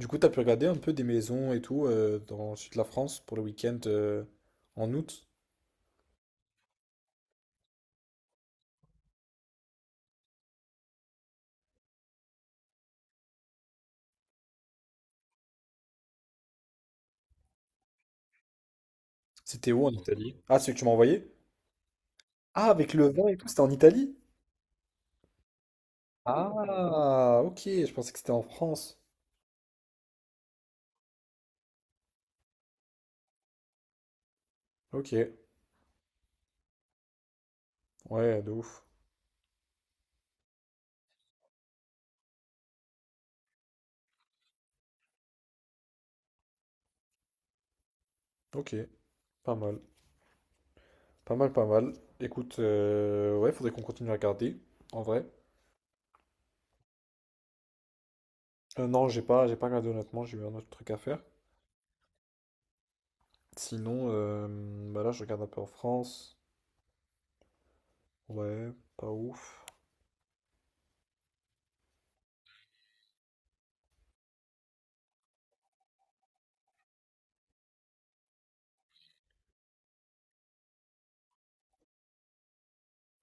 Du coup, t'as pu regarder un peu des maisons et tout dans le sud de la France pour le week-end en août? C'était où en Italie? Ah, celui que tu m'as envoyé? Ah, avec le vin et tout, c'était en Italie? Ah, ok, je pensais que c'était en France. Ok, ouais, de ouf. Ok, pas mal. Pas mal, pas mal. Écoute, ouais, faudrait qu'on continue à regarder, en vrai. Non, j'ai pas regardé honnêtement, j'ai eu un autre truc à faire. Sinon, bah là, je regarde un peu en France. Ouais, pas ouf.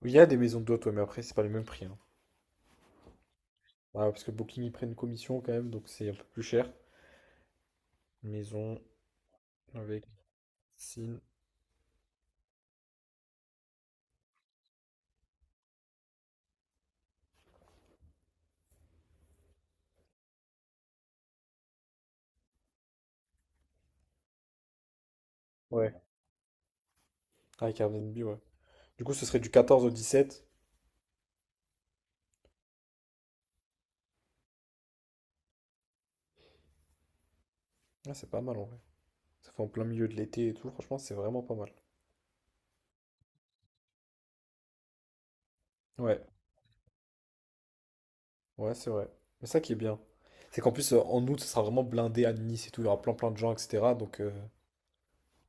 Il y a des maisons d'hôtes, ouais, mais après, c'est pas les mêmes prix, hein. Ah, parce que Booking, ils prennent une commission quand même, donc c'est un peu plus cher. Maison avec piscine. Ouais, avec Airbnb, ouais. Du coup, ce serait du quatorze au dix sept. Ah, c'est pas mal en vrai. Ça fait en plein milieu de l'été et tout. Franchement, c'est vraiment pas mal. Ouais, ouais, c'est vrai. Mais ça qui est bien, c'est qu'en plus, en août, ça sera vraiment blindé à Nice et tout. Il y aura plein plein de gens, etc. Donc,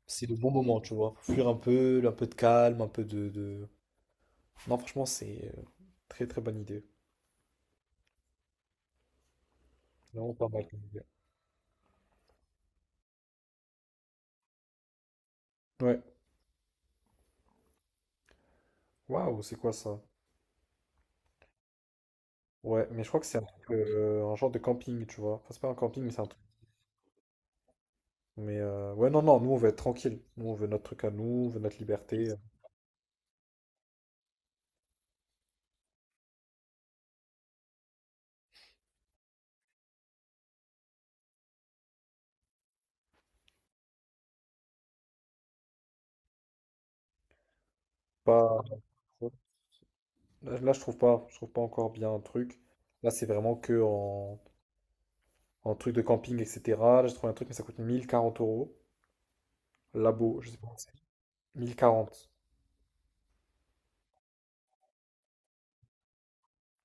c'est le bon moment, tu vois. Faut fuir un peu de calme, un peu de. Non, franchement, c'est très très bonne idée. Vraiment pas mal comme idée. Ouais. Waouh, c'est quoi ça? Ouais, mais je crois que c'est un truc, un genre de camping, tu vois. Enfin, c'est pas un camping, mais c'est un truc. Mais ouais, non, nous on veut être tranquille. Nous on veut notre truc à nous, on veut notre liberté. Pas... Là, là, je trouve pas encore bien un truc. Là, c'est vraiment que en truc de camping, etc. Là, j'ai trouvé un truc, mais ça coûte 1040 euros. Labo, je sais pas où c'est. 1040.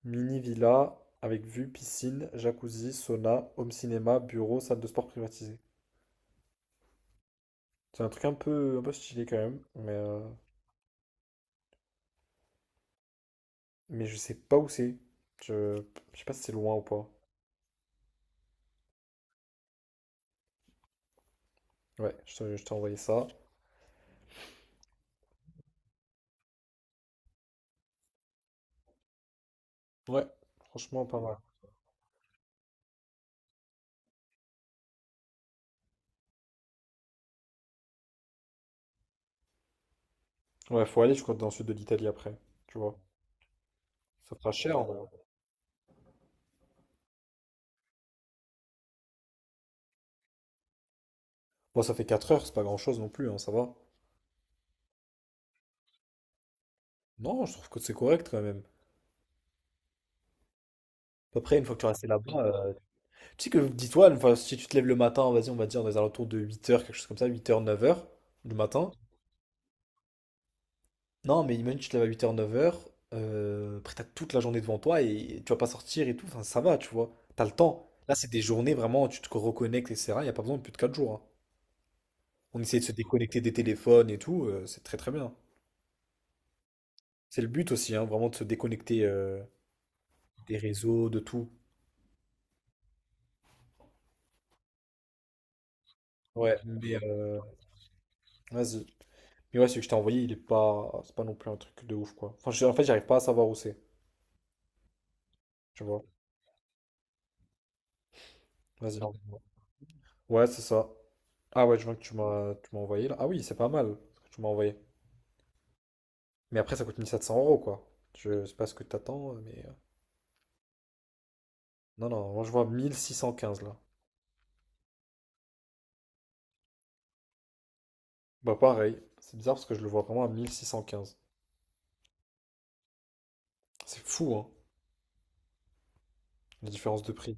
Mini villa avec vue, piscine, jacuzzi, sauna, home cinéma, bureau, salle de sport privatisée. C'est un truc un peu stylé quand même, mais je sais pas où c'est. Je, je sais pas si c'est loin ou pas. Ouais, je t'ai envoyé ça. Ouais, franchement, pas mal. Ouais, faut aller, je crois, dans le sud de l'Italie après. Tu vois. Ça fera cher en vrai. Bon, ça fait 4 heures, c'est pas grand-chose non plus, hein, ça va. Non, je trouve que c'est correct quand même. Après, une fois que tu es resté là-bas, tu sais que dis-toi, enfin, si tu te lèves le matin, vas-y, on va dire, dans les alentours de 8 heures, quelque chose comme ça, 8 heures, 9 heures du matin. Non, mais imagine, tu te lèves à 8h, 9h, après t'as toute la journée devant toi et tu vas pas sortir et tout, enfin ça va, tu vois, t'as le temps. Là, c'est des journées vraiment, tu te reconnectes, etc. Il n'y a pas besoin de plus de 4 jours, hein. On essaie de se déconnecter des téléphones et tout, c'est très très bien. C'est le but aussi, hein, vraiment de se déconnecter des réseaux, de tout. Ouais, vas-y. Mais ouais, celui que je t'ai envoyé, il est pas, c'est pas non plus un truc de ouf, quoi. Enfin, en fait, j'arrive pas à savoir où c'est, tu vois. Vas-y. Ouais, c'est ça. Ah ouais, je vois que tu m'as envoyé là. Ah oui, c'est pas mal ce que tu m'as envoyé. Mais après, ça coûte 1700 euros, quoi. Je sais pas ce que t'attends, mais... Non, non, moi je vois 1615, là. Bah pareil, c'est bizarre parce que je le vois vraiment à 1615. C'est fou, hein, la différence de prix.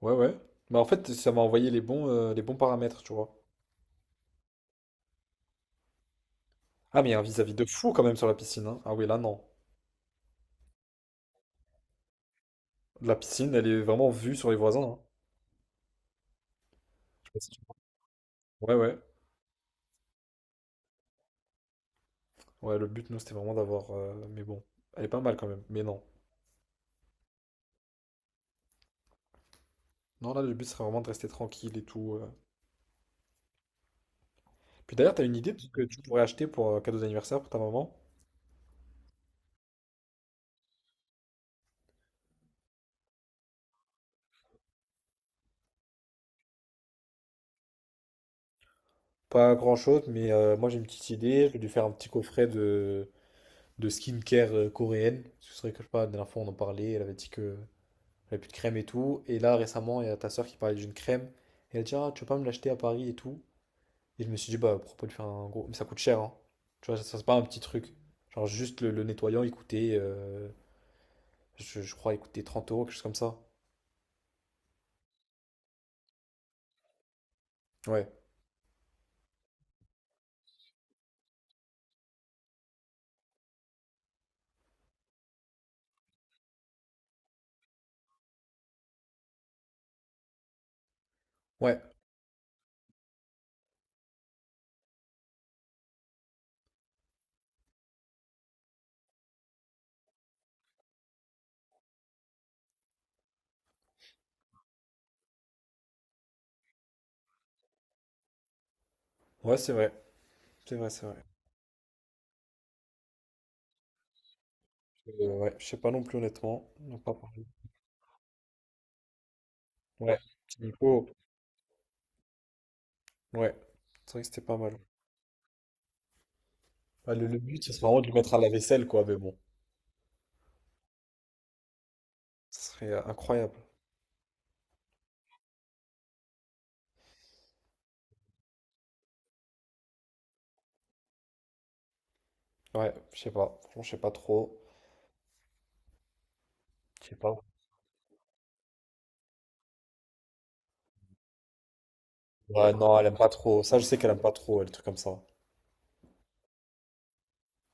Ouais, ouais. Bah en fait, ça m'a envoyé les bons paramètres, tu vois. Ah, mais il y a un vis-à-vis de fou quand même sur la piscine, hein. Ah oui, là, non. La piscine, elle est vraiment vue sur les voisins, hein. Je sais pas si tu vois. Ouais, ouais. Ouais, le but, nous, c'était vraiment d'avoir... Mais bon, elle est pas mal quand même, mais non. Non, là, le but serait vraiment de rester tranquille et tout. Puis d'ailleurs, t'as une idée de ce que tu pourrais acheter pour cadeau d'anniversaire pour ta maman? Pas grand-chose, moi j'ai une petite idée. Je vais lui faire un petit coffret de skincare coréenne. Ce serait que je sais pas, la dernière fois on en parlait, elle avait dit que elle avait plus de crème et tout. Et là récemment, il y a ta soeur qui parlait d'une crème. Et elle dit, ah, tu veux pas me l'acheter à Paris et tout. Et je me suis dit, bah pourquoi pas lui faire un gros. Mais ça coûte cher, hein. Tu vois, ça, c'est pas un petit truc. Genre juste le nettoyant, il coûtait, euh, je crois, il coûtait 30 euros, quelque chose comme ça. Ouais, ouais, ouais, c'est vrai. C'est vrai, c'est vrai. Ouais, je sais pas non plus honnêtement. On n'a pas parlé. Ouais, petit Nico. Ouais, c'est vrai que c'était pas mal. Bah, le but, ce serait vraiment de lui mettre à la vaisselle, quoi, mais bon. Ce serait incroyable. Ouais, je sais pas. Franchement, je sais pas trop. Je sais pas. Ouais, non, elle aime pas trop. Ça, je sais qu'elle aime pas trop, elle, les trucs comme ça.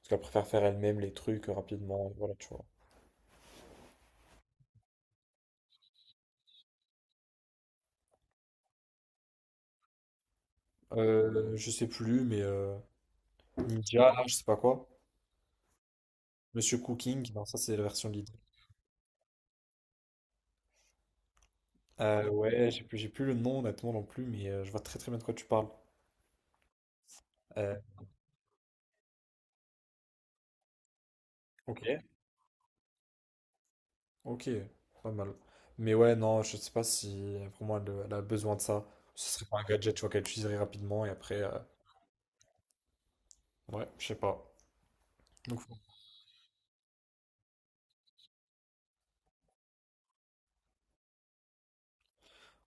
Parce qu'elle préfère faire elle-même les trucs rapidement, et voilà, tu vois. Je sais plus, Ninja, là, je sais pas quoi. Monsieur Cooking, non, ça, c'est la version lead. Ouais, j'ai plus le nom, honnêtement, non plus, je vois très très bien de quoi tu parles. Euh, ok. Ok, pas mal. Mais ouais, non, je sais pas si pour moi elle a besoin de ça. Ce serait pas un gadget, tu vois, qu'elle utiliserait rapidement et après, ouais, je sais pas. Donc,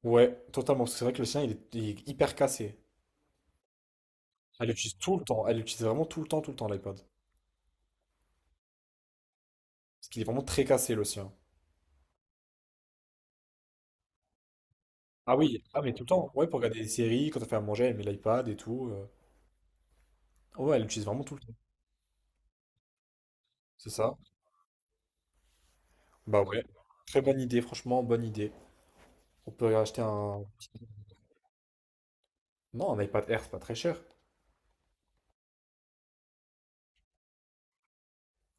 ouais, totalement. Parce que c'est vrai que le sien, il est hyper cassé. Elle l'utilise tout le temps. Elle l'utilise vraiment tout le temps, l'iPad. Parce qu'il est vraiment très cassé, le sien. Ah oui, ah mais tout le temps. Ouais, pour regarder des séries, quand elle fait à manger, elle met l'iPad et tout. Ouais, elle l'utilise vraiment tout le temps. C'est ça? Bah ouais. Très bonne idée, franchement, bonne idée. On peut acheter un. Non, un iPad Air, c'est pas très cher.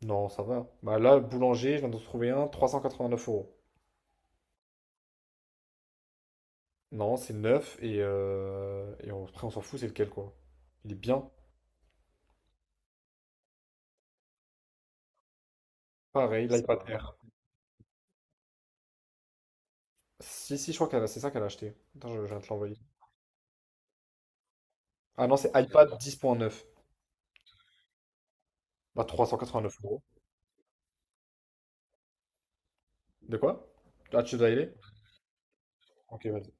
Non, ça va. Bah là, boulanger, je viens d'en trouver un, 389 euros. Non, c'est neuf et après on s'en fout, c'est lequel quoi. Il est bien. Pareil, ça l'iPad va. Air. Si, si, je crois que c'est ça qu'elle a acheté. Attends, je viens de te l'envoyer. Ah non, c'est iPad 10.9. Bah 389 euros. De quoi? Ah, tu dois y aller? Ok, vas-y.